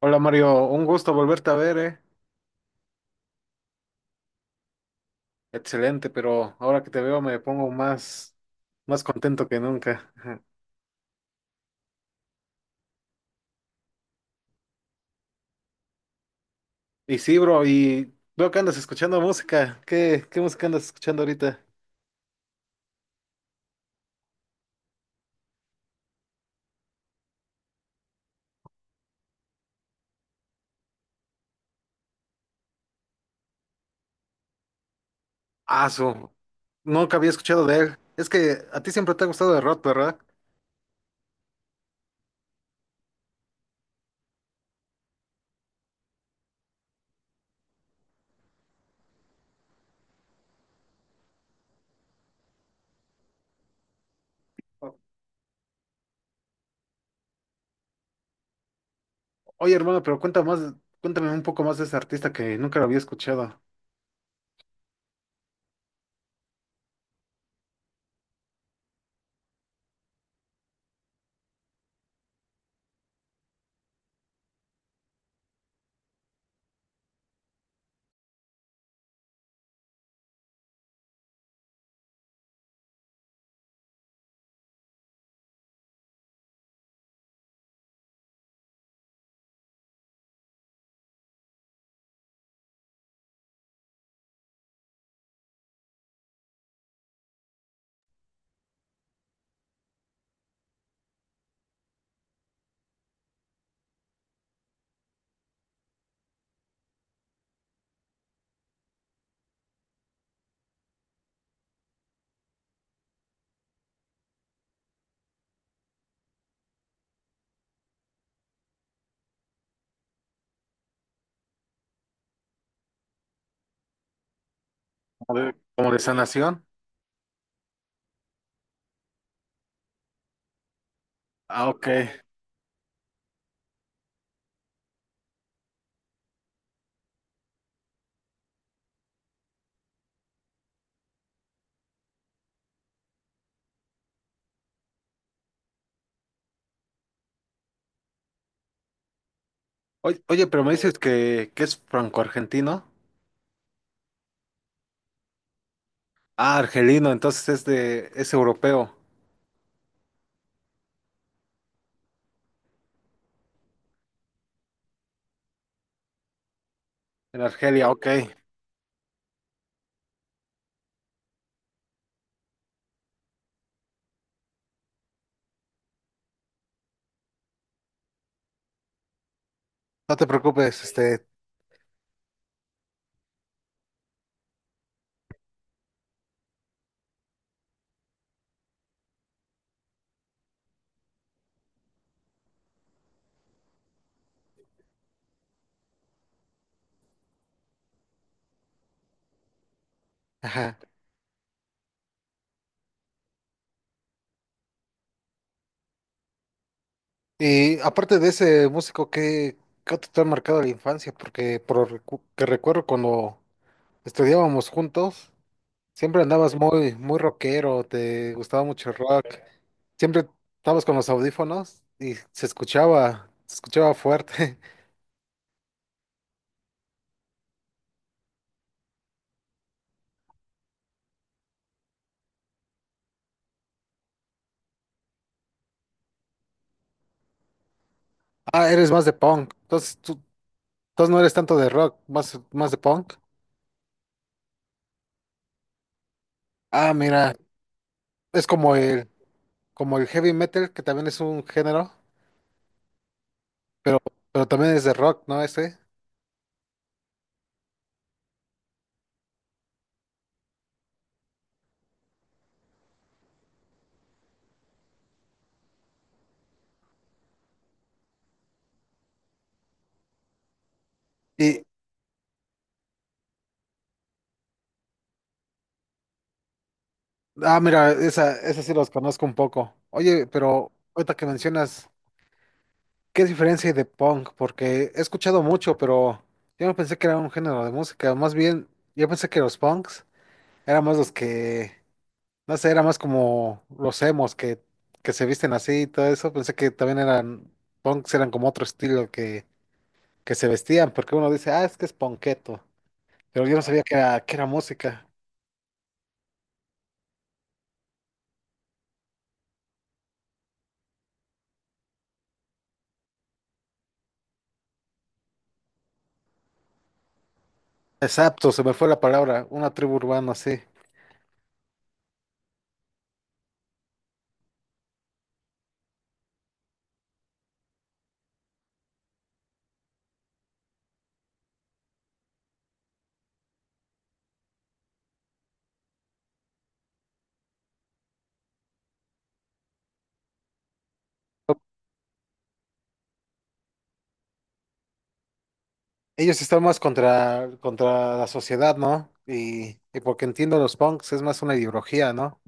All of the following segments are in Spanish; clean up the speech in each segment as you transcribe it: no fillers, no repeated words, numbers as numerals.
Hola Mario, un gusto volverte a ver. Excelente, pero ahora que te veo me pongo más contento que nunca. Ajá. Y sí, bro, y veo que andas escuchando música. ¿Qué música andas escuchando ahorita? Ah, nunca había escuchado de él. Es que a ti siempre te ha gustado de rock, ¿verdad? O- Oye, hermano, pero cuenta más, cuéntame un poco más de ese artista que nunca lo había escuchado. Como de Sanación. Ah, ok. Oye, oye, pero me dices que es franco-argentino. Ah, argelino, entonces es europeo. En Argelia, ok. No te preocupes. Ajá. Y aparte de ese músico, ¿qué otro te ha marcado la infancia? Porque que recuerdo cuando estudiábamos juntos, siempre andabas muy, muy rockero, te gustaba mucho el rock. Siempre estabas con los audífonos y se escuchaba fuerte. Ah, eres más de punk. Entonces no eres tanto de rock, más de punk. Ah, mira, es como el heavy metal, que también es un género. Pero, pero también es de rock, ¿no? Ese. Y, ah, mira, esa sí los conozco un poco. Oye, pero ahorita que mencionas, ¿qué diferencia hay de punk? Porque he escuchado mucho, pero yo no pensé que era un género de música. Más bien, yo pensé que los punks eran más los que, no sé, era más como los emos que se visten así y todo eso. Pensé que también eran, punks eran como otro estilo que se vestían, porque uno dice, ah, es que es punketo. Pero yo no sabía que era música. Exacto, se me fue la palabra, una tribu urbana, sí. Ellos están más contra, contra la sociedad, ¿no? Y porque entiendo los punks, es más una ideología, ¿no?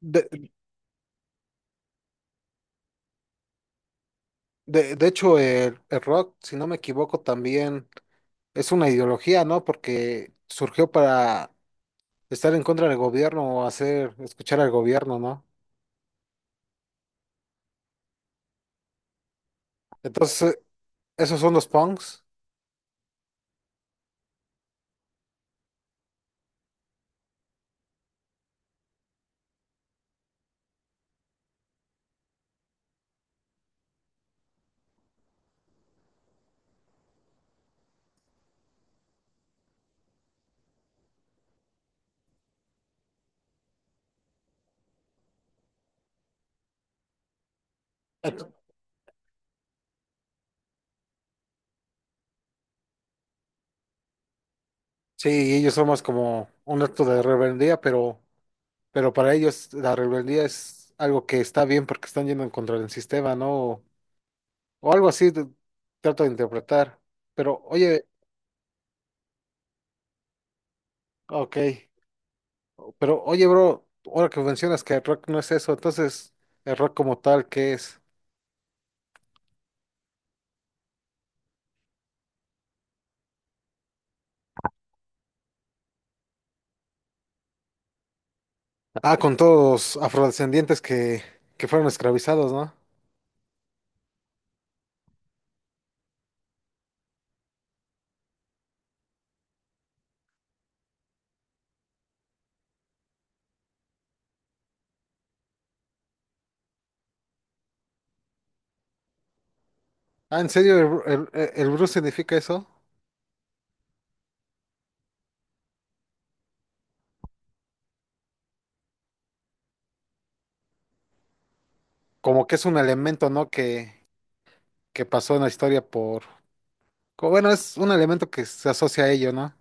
De, de hecho, el rock, si no me equivoco, también es una ideología, ¿no? Porque surgió para estar en contra del gobierno o hacer, escuchar al gobierno, ¿no? Entonces, esos son los punks. Ent- Sí, ellos son más como un acto de rebeldía, pero para ellos la rebeldía es algo que está bien porque están yendo en contra del sistema, ¿no? O algo así trato de interpretar. Pero oye, ok, pero oye, bro, ahora que mencionas que el rock no es eso, entonces el rock como tal, ¿qué es? Ah, con todos los afrodescendientes que fueron esclavizados, ¿no? Ah, ¿en serio el blues significa eso? Como que es un elemento, ¿no? Que pasó en la historia por... como, bueno, es un elemento que se asocia a ello, ¿no?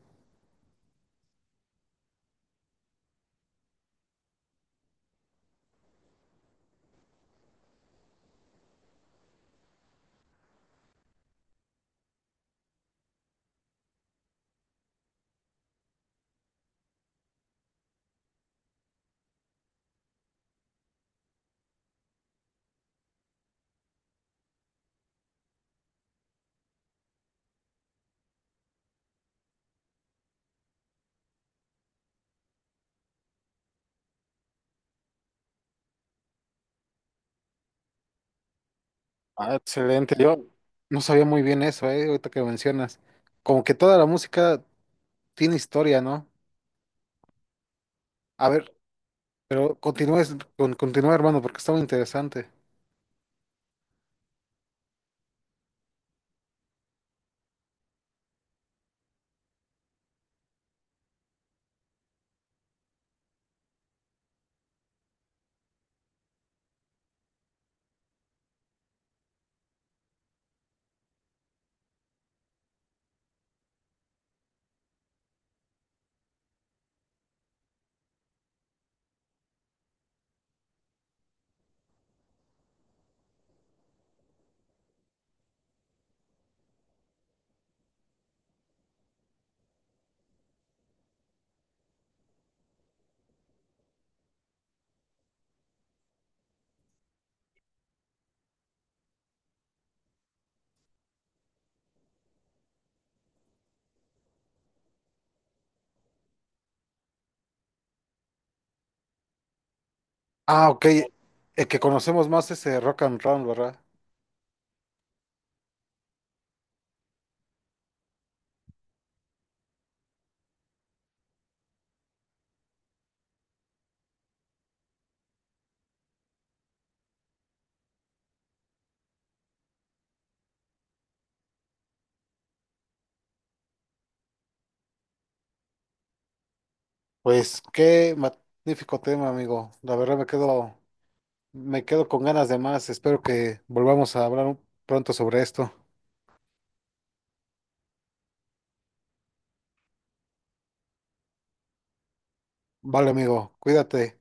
Ah, excelente. Yo no sabía muy bien eso, ahorita que mencionas. Como que toda la música tiene historia, ¿no? A ver, pero continúa, continúa, hermano, porque está muy interesante. Ah, ok. El que conocemos más es rock and roll, ¿verdad? Pues qué magnífico tema, amigo. La verdad me quedo, con ganas de más. Espero que volvamos a hablar pronto sobre esto. Vale, amigo, cuídate.